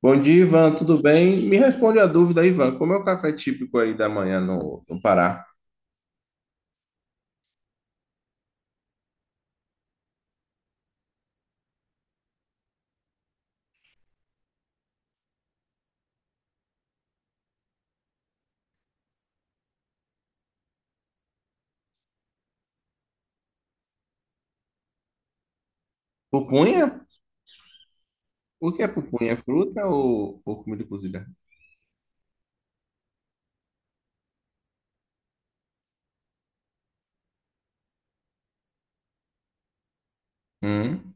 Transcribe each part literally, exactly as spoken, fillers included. Bom dia, Ivan, tudo bem? Me responde a dúvida, Ivan, como é o café típico aí da manhã no, no Pará? Pupunha? O que é pupunha? É fruta ou, ou comida cozida? Hum?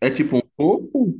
É tipo um coco?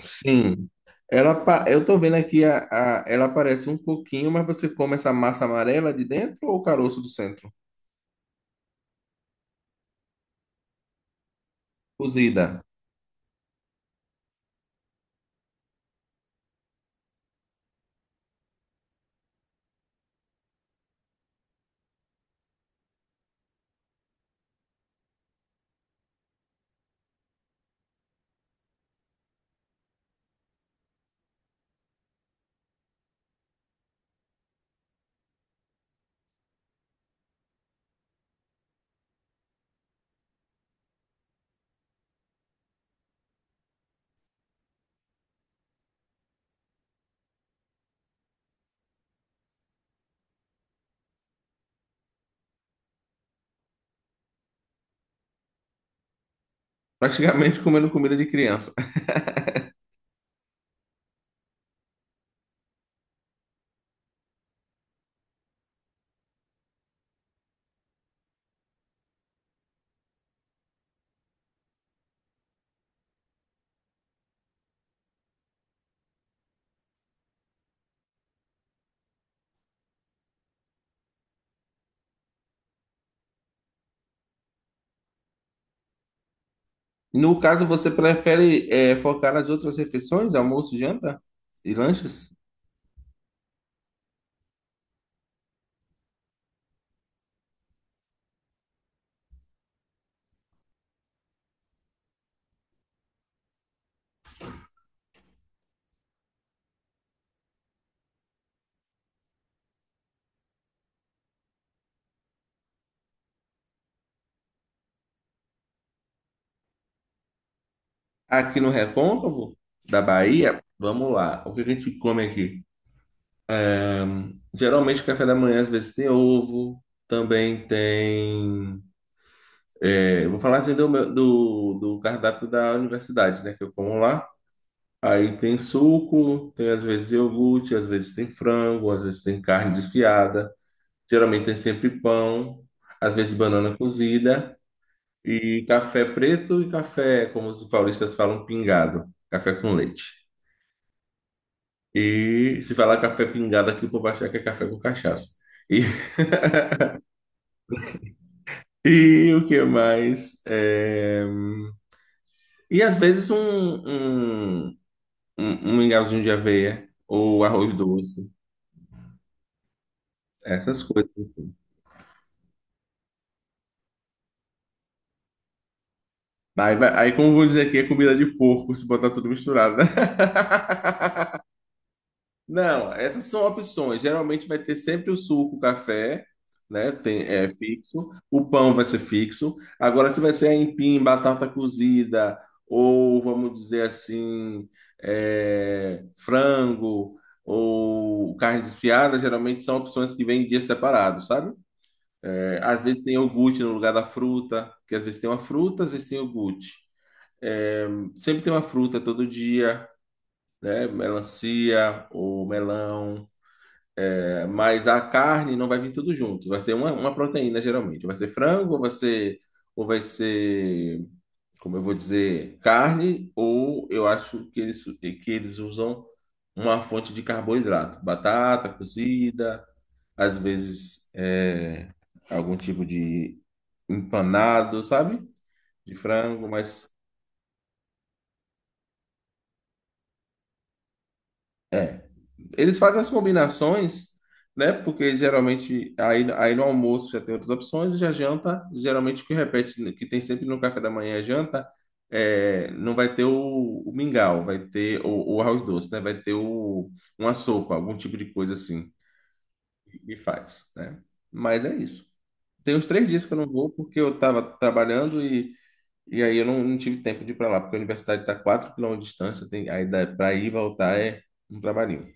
Sim. Ela, pa- eu tô vendo aqui, a, a- ela parece um coquinho, mas você come essa massa amarela de dentro ou o caroço do centro? Cozida. Praticamente comendo comida de criança. No caso, você prefere eh, focar nas outras refeições, almoço, janta e lanches? Aqui no Recôncavo da Bahia, vamos lá. O que que a gente come aqui? Ahn, Geralmente, café da manhã, às vezes, tem ovo. Também tem. É, eu vou falar assim do, meu- do, do cardápio da universidade, né? Que eu como lá. Aí tem suco, tem às vezes iogurte, às vezes tem frango, às vezes tem carne desfiada. Geralmente tem sempre pão, às vezes banana cozida. E café preto e café, como os paulistas falam, pingado. Café com leite. E se falar café pingado aqui, o povo vai achar que é café com cachaça. E, e o que mais? É, E às vezes um, um, um, um mingauzinho de aveia ou arroz doce. Essas coisas assim. Aí, vai- aí como eu vou dizer aqui, é comida de porco, se botar tudo misturado, né? Não, essas são opções. Geralmente vai ter sempre o suco, o café, né? Tem, é fixo. O pão vai ser fixo. Agora, se vai ser aipim, batata cozida, ou vamos dizer assim, é, frango, ou carne desfiada, geralmente são opções que vêm em dias separados, sabe? É, às vezes tem iogurte no lugar da fruta, porque às vezes tem uma fruta, às vezes tem iogurte. É, sempre tem uma fruta todo dia, né? Melancia ou melão. Mas a carne não vai vir tudo junto. Vai ser uma, uma proteína, geralmente. Vai ser frango, ou vai ser, ou vai ser, como eu vou dizer, carne, ou eu acho que eles, que eles usam uma fonte de carboidrato. Batata cozida, às vezes é, algum tipo de empanado, sabe? De frango, mas é. Eles fazem as combinações, né? Porque geralmente aí, aí no almoço já tem outras opções, e já janta, geralmente o que repete, que tem sempre no café da manhã é janta, é, não vai ter o, o mingau, vai ter o, o arroz doce, né? Vai ter o, uma sopa, algum tipo de coisa assim que faz, né? Mas é isso. Tem uns três dias que eu não vou porque eu estava trabalhando e, e aí eu não, não tive tempo de ir para lá, porque a universidade está a quatro quilômetros de distância, tem, aí para ir e voltar é um trabalhinho.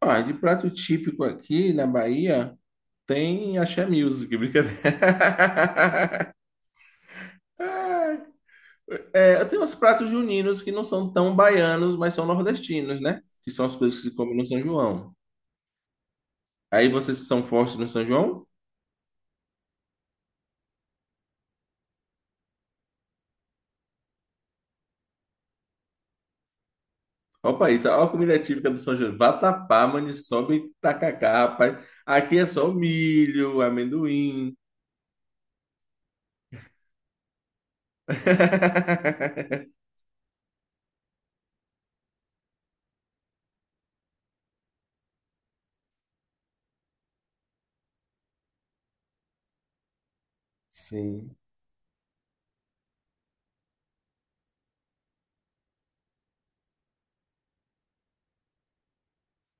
Ah, de prato típico aqui na Bahia tem axé music, brincadeira. Ai, É, tem uns pratos juninos que não são tão baianos, mas são nordestinos, né? Que são as coisas que se comem no São João. Aí vocês são fortes no São João? Olha o país, olha a comida típica do São João. Vatapá, maniçoba e tacacá, rapaz. Aqui é só milho, amendoim. Sim.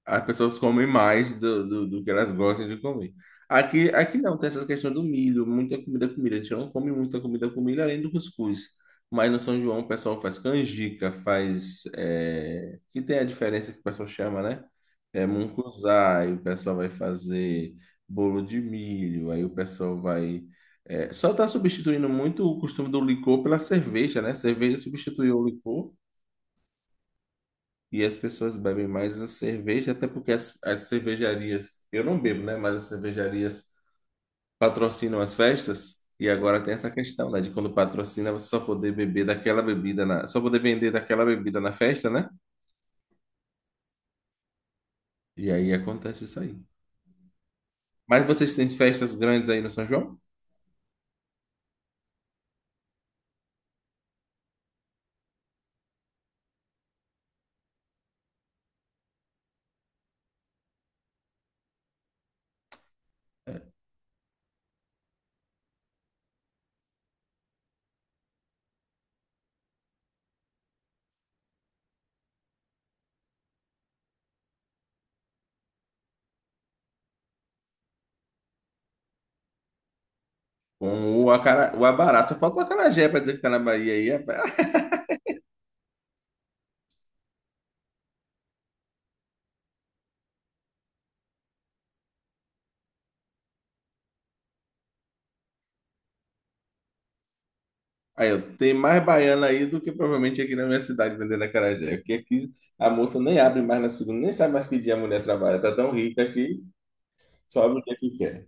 As pessoas comem mais do, do, do que elas gostam de comer. Aqui, aqui não, tem essa questão do milho, muita comida, comida. A gente não come muita comida, comida, além do cuscuz. Mas no São João o pessoal faz canjica, faz. É... Que tem a diferença que o pessoal chama, né? É mungunzá, e o pessoal vai fazer bolo de milho, aí o pessoal vai. é, Só está substituindo muito o costume do licor pela cerveja, né? Cerveja substituiu o licor. E as pessoas bebem mais a cerveja, até porque as, as cervejarias, eu não bebo, né? Mas as cervejarias patrocinam as festas. E agora tem essa questão, né? De quando patrocina, você só poder beber daquela bebida na, só poder vender daquela bebida na festa, né? E aí acontece isso aí. Mas vocês têm festas grandes aí no São João? Com o, acara... o abará. Só falta o acarajé pra dizer que tá na Bahia aí. Rapaz. Aí, eu tenho mais baiana aí do que provavelmente aqui na minha cidade vendendo acarajé. Porque aqui a moça nem abre mais na segunda, nem sabe mais que dia a mulher trabalha. Tá tão rica que sobe o dia que quer.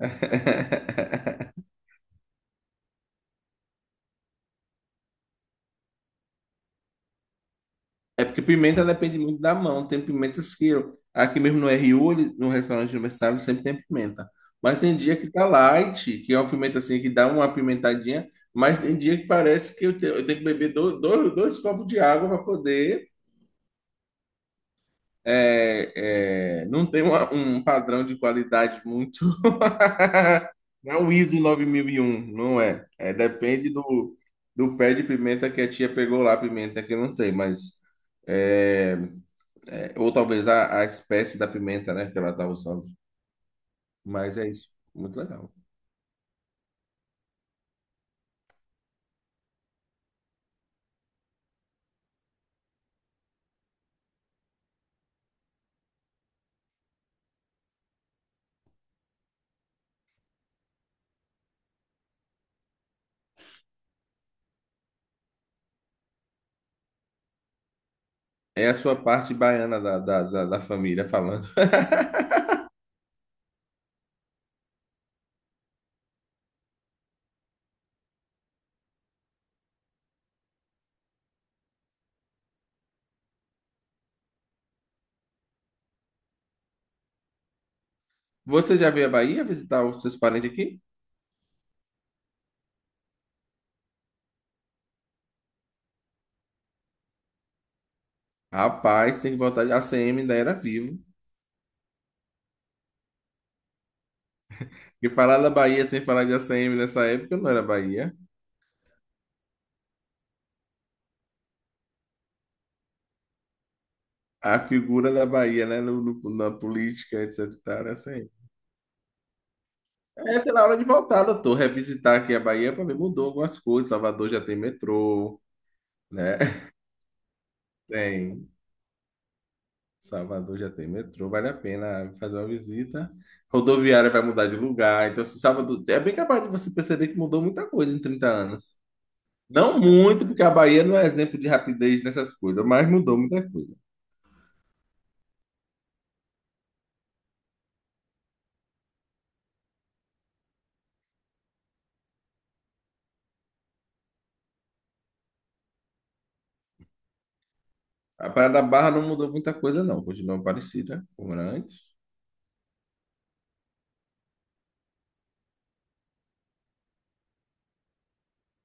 É porque pimenta depende muito da mão. Tem pimentas que eu- aqui mesmo no R U, ele- no restaurante universitário, sempre tem pimenta. Mas tem dia que tá light, que é uma pimenta assim que dá uma apimentadinha, mas tem dia que parece que eu te- eu tenho, que beber do- do- dois, copos de água para poder. é, é, não tem uma- um padrão de qualidade muito. Não é o ISO nove mil e um, não é. É, depende do, do pé de pimenta que a tia pegou lá, pimenta que eu não sei, mas. é, é, ou talvez a, a espécie da pimenta, né, que ela tá usando. Mas é isso. Muito legal. É a sua parte baiana da, da, da, da família falando. Você já veio à Bahia visitar os seus parentes aqui? Rapaz, tem que voltar de A C M, ainda era vivo. E falar da Bahia sem falar de a ACM nessa época não era Bahia. A figura da Bahia, né, no, no- na política, etcetera e tal, era A C M. É, tá na hora de voltar, doutor. Revisitar aqui a Bahia para ver, mudou algumas coisas. Salvador já tem metrô, né? Tem. Salvador já tem metrô, vale a pena fazer uma visita. Rodoviária vai mudar de lugar, então se Salvador é bem capaz de você perceber que mudou muita coisa em trinta anos. Não muito, porque a Bahia não é exemplo de rapidez nessas coisas, mas mudou muita coisa. A Praia da Barra não mudou muita coisa, não, continua parecida como era antes.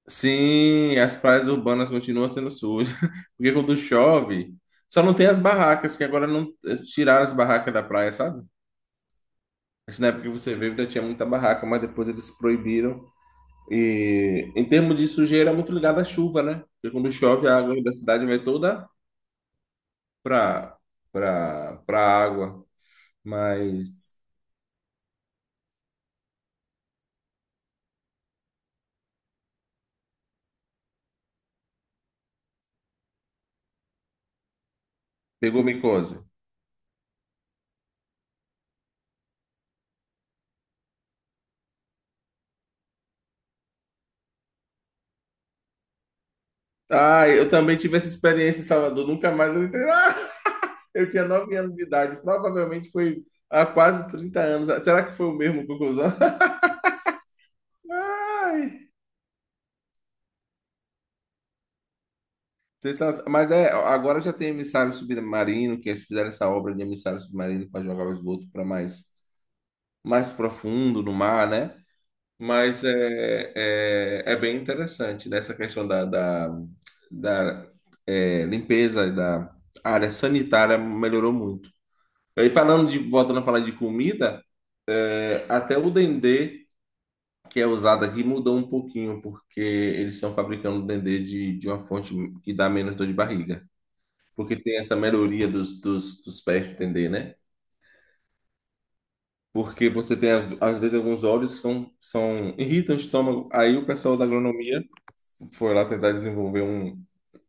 Sim, as praias urbanas continuam sendo sujas, porque quando chove, só não tem as barracas, que agora não eh, tiraram as barracas da praia, sabe? Acho que na época que você veio ainda tinha muita barraca, mas depois eles proibiram. E em termos de sujeira, é muito ligado à chuva, né? Porque quando chove, a água da cidade vai toda para para para água. Mas pegou micose. Ah, eu também tive essa experiência em Salvador, nunca mais eu entrei. Ah, eu tinha nove anos de idade, provavelmente foi há quase trinta anos. Será que foi o mesmo conclusão? Vocês são- Mas é, agora já tem emissário submarino, que eles fizeram essa obra de emissário submarino para jogar o esgoto para mais, mais, profundo no mar, né? Mas é, é, é bem interessante nessa questão da, da, da é, limpeza, da área sanitária melhorou muito. E falando de, voltando a falar de comida, é, até o dendê que é usado aqui mudou um pouquinho, porque eles estão fabricando dendê de, de uma fonte que dá menos dor de barriga. Porque tem essa melhoria dos, dos, dos pés de dendê, né? Porque você tem, às vezes, alguns óleos que são, são, irritam o estômago. Aí o pessoal da agronomia foi lá tentar desenvolver um,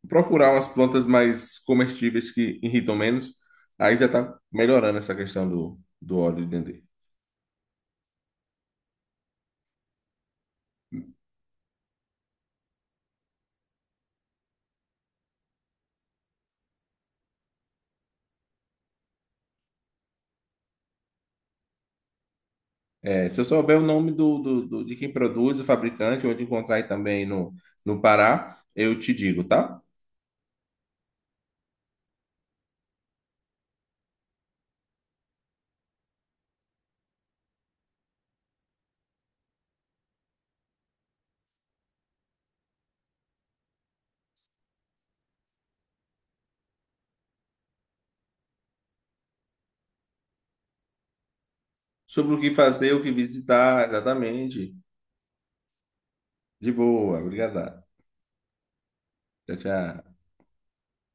procurar umas plantas mais comestíveis que irritam menos. Aí já tá melhorando essa questão do, do óleo de dendê. É, se eu souber o nome do, do- do- de quem produz, o fabricante, onde encontrar aí também no, no Pará, eu te digo, tá? Sobre o que fazer, o que visitar, exatamente. De boa, obrigado. Tchau, tchau.